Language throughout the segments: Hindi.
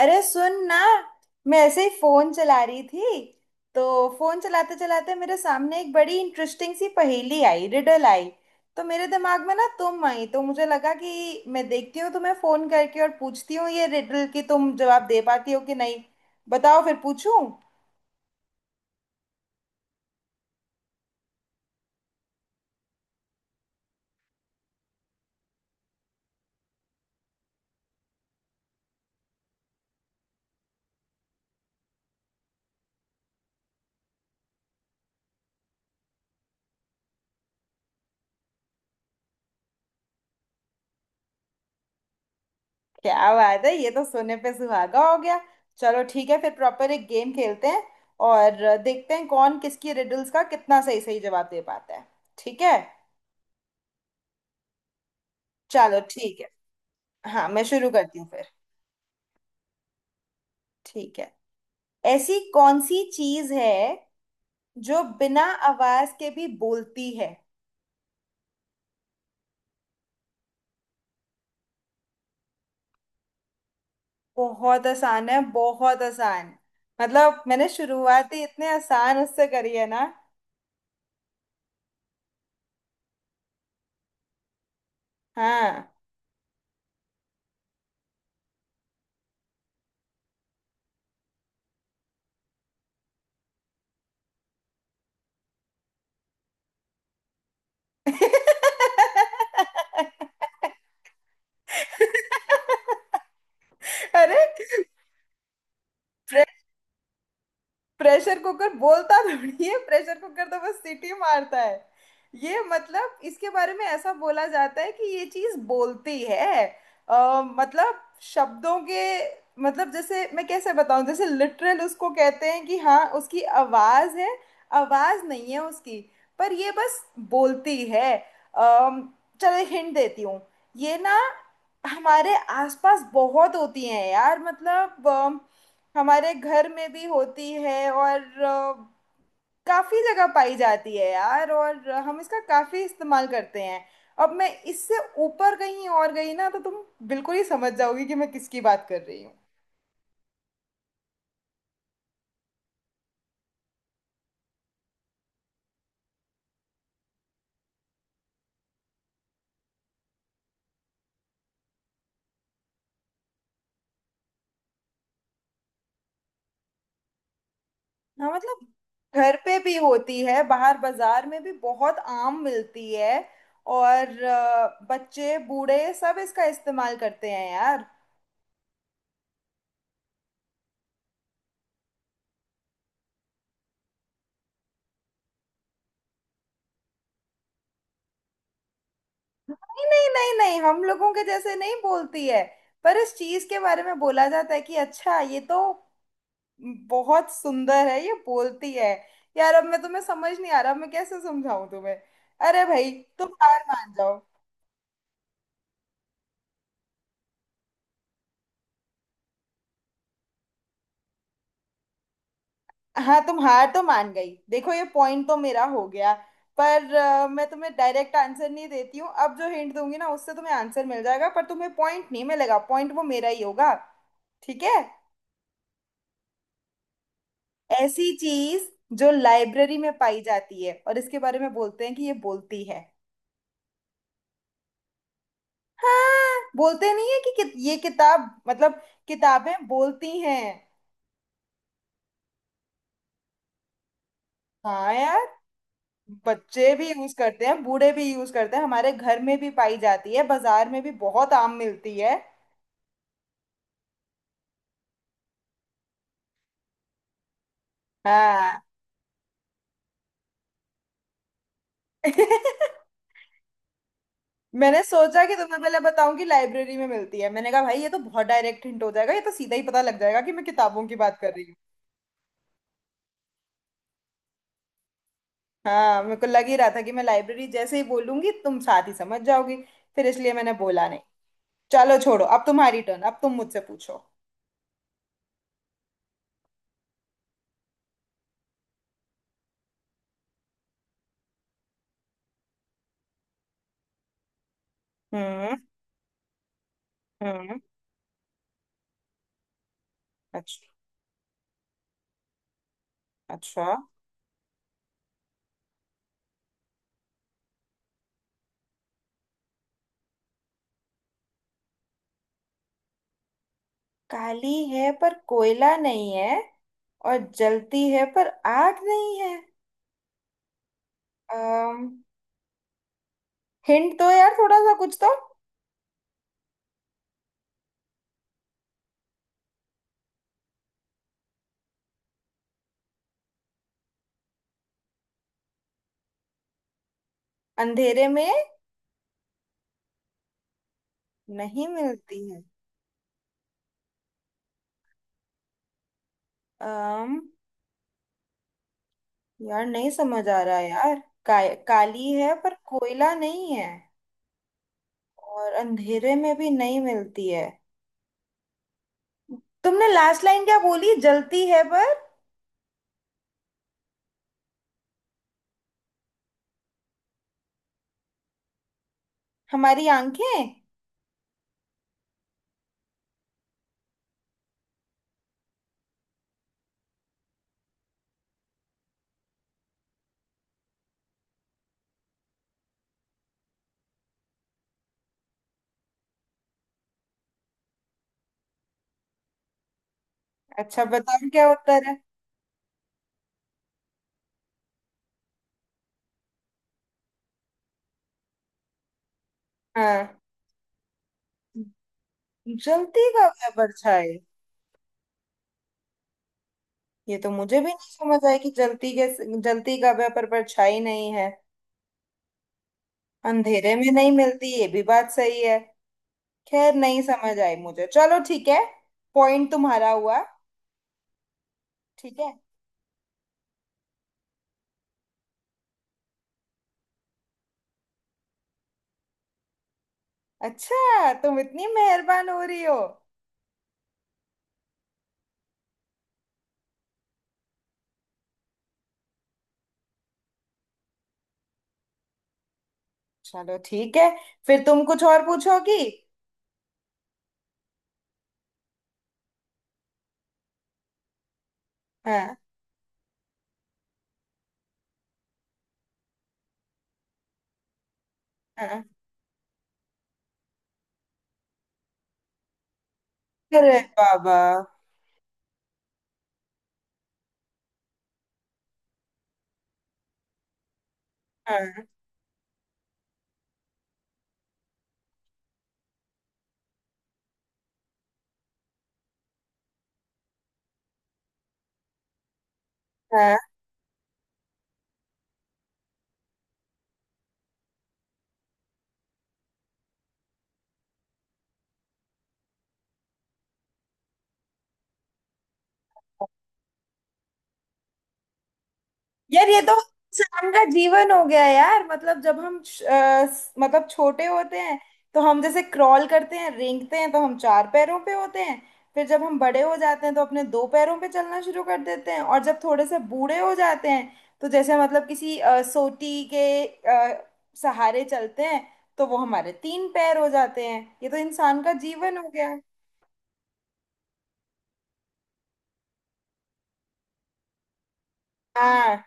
अरे सुन ना। मैं ऐसे ही फोन चला रही थी। तो फोन चलाते चलाते मेरे सामने एक बड़ी इंटरेस्टिंग सी पहेली आई, रिडल आई। तो मेरे दिमाग में ना तुम आई, तो मुझे लगा कि मैं देखती हूँ तुम्हें फोन करके और पूछती हूँ ये रिडल की तुम जवाब दे पाती हो कि नहीं। बताओ फिर पूछूं? क्या बात है, ये तो सोने पे सुहागा हो गया। चलो ठीक है, फिर प्रॉपर एक गेम खेलते हैं। और देखते हैं कौन किसकी रिडल्स का कितना सही सही जवाब दे पाता है। ठीक है। चलो ठीक है। हाँ, मैं शुरू करती हूँ फिर। ठीक है। ऐसी कौन सी चीज है जो बिना आवाज के भी बोलती है? बहुत आसान है, बहुत आसान। मतलब मैंने शुरुआत ही इतने आसान उससे करी है ना। हाँ। अरे, प्रेशर कुकर बोलता थोड़ी है, प्रेशर कुकर तो बस सीटी मारता है। ये मतलब इसके बारे में ऐसा बोला जाता है कि ये चीज बोलती है। मतलब शब्दों के मतलब, जैसे मैं कैसे बताऊं, जैसे लिटरल उसको कहते हैं कि हाँ उसकी आवाज है। आवाज नहीं है उसकी, पर ये बस बोलती है। अम, चलो हिंट देती हूँ। ये ना हमारे आसपास बहुत होती हैं यार। मतलब हमारे घर में भी होती है और काफी जगह पाई जाती है यार, और हम इसका काफी इस्तेमाल करते हैं। अब मैं इससे ऊपर कहीं और गई ना तो तुम बिल्कुल ही समझ जाओगी कि मैं किसकी बात कर रही हूँ। हाँ मतलब घर पे भी होती है, बाहर बाजार में भी बहुत आम मिलती है। और बच्चे बूढ़े सब इसका इस्तेमाल करते हैं यार। नहीं, नहीं, हम लोगों के जैसे नहीं बोलती है। पर इस चीज के बारे में बोला जाता है कि अच्छा, ये तो बहुत सुंदर है, ये बोलती है। यार, अब मैं तुम्हें समझ नहीं आ रहा मैं कैसे समझाऊं तुम्हें। अरे भाई, तुम हार मान जाओ। हाँ, तुम हार तो मान गई, देखो ये पॉइंट तो मेरा हो गया। पर मैं तुम्हें डायरेक्ट आंसर नहीं देती हूँ। अब जो हिंट दूंगी ना उससे तुम्हें आंसर मिल जाएगा, पर तुम्हें पॉइंट नहीं मिलेगा, पॉइंट वो मेरा ही होगा। ठीक है? ऐसी चीज जो लाइब्रेरी में पाई जाती है और इसके बारे में बोलते हैं कि ये बोलती है। हाँ, बोलते नहीं है कि ये किताब मतलब किताबें बोलती हैं। हाँ यार, बच्चे भी यूज करते हैं, बूढ़े भी यूज करते हैं, हमारे घर में भी पाई जाती है, बाजार में भी बहुत आम मिलती है। हाँ। मैंने सोचा कि तुम्हें पहले बताऊं कि लाइब्रेरी में मिलती है, मैंने कहा भाई ये तो बहुत डायरेक्ट हिंट हो जाएगा, ये तो सीधा ही पता लग जाएगा कि मैं किताबों की बात कर रही हूँ। हाँ मेरे को लग ही रहा था कि मैं लाइब्रेरी जैसे ही बोलूंगी तुम साथ ही समझ जाओगी, फिर इसलिए मैंने बोला नहीं। चलो छोड़ो, अब तुम्हारी टर्न, अब तुम मुझसे पूछो। हम्म, हम्म। अच्छा, अच्छा। काली है पर कोयला नहीं है, और जलती है पर आग नहीं है। अम, हिंट दो यार थोड़ा सा कुछ तो। अंधेरे में नहीं मिलती है? अम, यार नहीं समझ आ रहा यार। काय काली है पर कोयला नहीं है, और अंधेरे में भी नहीं मिलती है। तुमने लास्ट लाइन क्या बोली, जलती है पर? हमारी आंखें? अच्छा बताओ क्या उत्तर है। हाँ, जलती का वह परछाई। ये तो मुझे भी नहीं समझ आई कि जलती के जलती का वह पर परछाई नहीं है। अंधेरे में नहीं मिलती ये भी बात सही है। खैर, नहीं समझ आई मुझे, चलो ठीक है। पॉइंट तुम्हारा हुआ। ठीक है। अच्छा, तुम इतनी मेहरबान हो रही हो। चलो ठीक है, फिर तुम कुछ और पूछोगी। हाँ। हाँ। अरे बाबा। हाँ। हाँ यार, ये तो इंसान का जीवन हो गया यार। मतलब जब हम मतलब छोटे होते हैं तो हम जैसे क्रॉल करते हैं, रेंगते हैं, तो हम 4 पैरों पे होते हैं। फिर जब हम बड़े हो जाते हैं तो अपने 2 पैरों पे चलना शुरू कर देते हैं, और जब थोड़े से बूढ़े हो जाते हैं तो जैसे मतलब किसी सोटी के सहारे चलते हैं, तो वो हमारे 3 पैर हो जाते हैं। ये तो इंसान का जीवन हो गया। हाँ,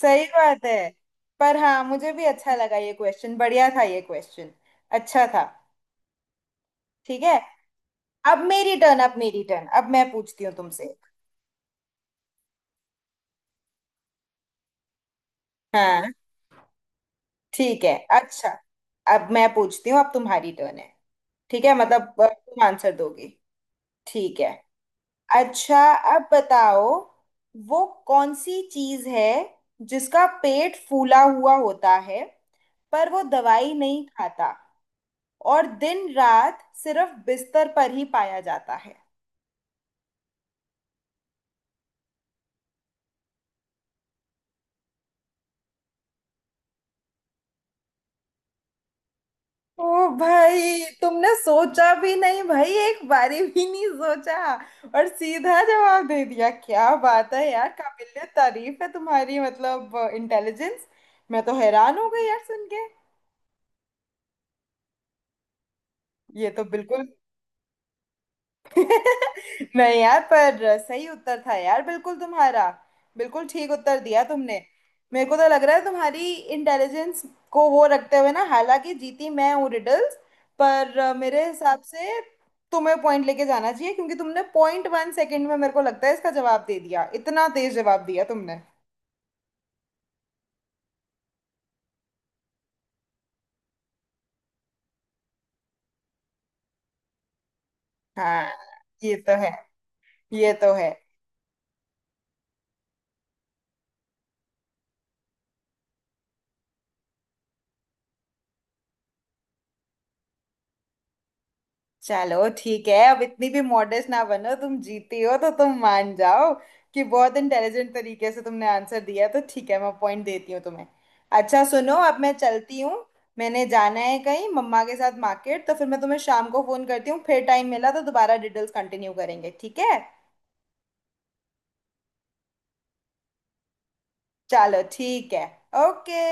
सही बात है। पर हाँ, मुझे भी अच्छा लगा, ये क्वेश्चन बढ़िया था, ये क्वेश्चन अच्छा था। ठीक है। अब मेरी टर्न, अब मैं पूछती हूँ तुमसे। हाँ, ठीक है। अच्छा, अब मैं पूछती हूँ, अब तुम्हारी टर्न है। ठीक है, मतलब तुम आंसर दोगी। ठीक है। अच्छा, अब बताओ, वो कौन सी चीज है जिसका पेट फूला हुआ होता है पर वो दवाई नहीं खाता, और दिन रात सिर्फ बिस्तर पर ही पाया जाता है। ओ भाई, तुमने सोचा भी नहीं भाई, एक बारी भी नहीं सोचा और सीधा जवाब दे दिया। क्या बात है यार, काबिलियत तारीफ है तुम्हारी, मतलब इंटेलिजेंस। मैं तो हैरान हो गई यार सुन के। ये तो बिल्कुल। नहीं यार, पर सही उत्तर था यार बिल्कुल तुम्हारा, बिल्कुल ठीक उत्तर दिया तुमने। मेरे को तो लग रहा है तुम्हारी इंटेलिजेंस को वो रखते हुए ना, हालांकि जीती मैं हूँ रिडल्स, पर मेरे हिसाब से तुम्हें पॉइंट लेके जाना चाहिए, क्योंकि तुमने पॉइंट 1 सेकेंड में मेरे को लगता है इसका जवाब दे दिया, इतना तेज जवाब दिया तुमने। हाँ, ये तो है, ये तो है। चलो ठीक है, अब इतनी भी मॉडर्न ना बनो, तुम जीती हो तो तुम मान जाओ कि बहुत इंटेलिजेंट तरीके से तुमने आंसर दिया, तो ठीक है मैं पॉइंट देती हूँ तुम्हें। अच्छा सुनो, अब मैं चलती हूँ, मैंने जाना है कहीं मम्मा के साथ मार्केट, तो फिर मैं तुम्हें शाम को फोन करती हूँ, फिर टाइम मिला तो दोबारा डिटेल्स कंटिन्यू करेंगे, ठीक है। चलो ठीक है। ओके।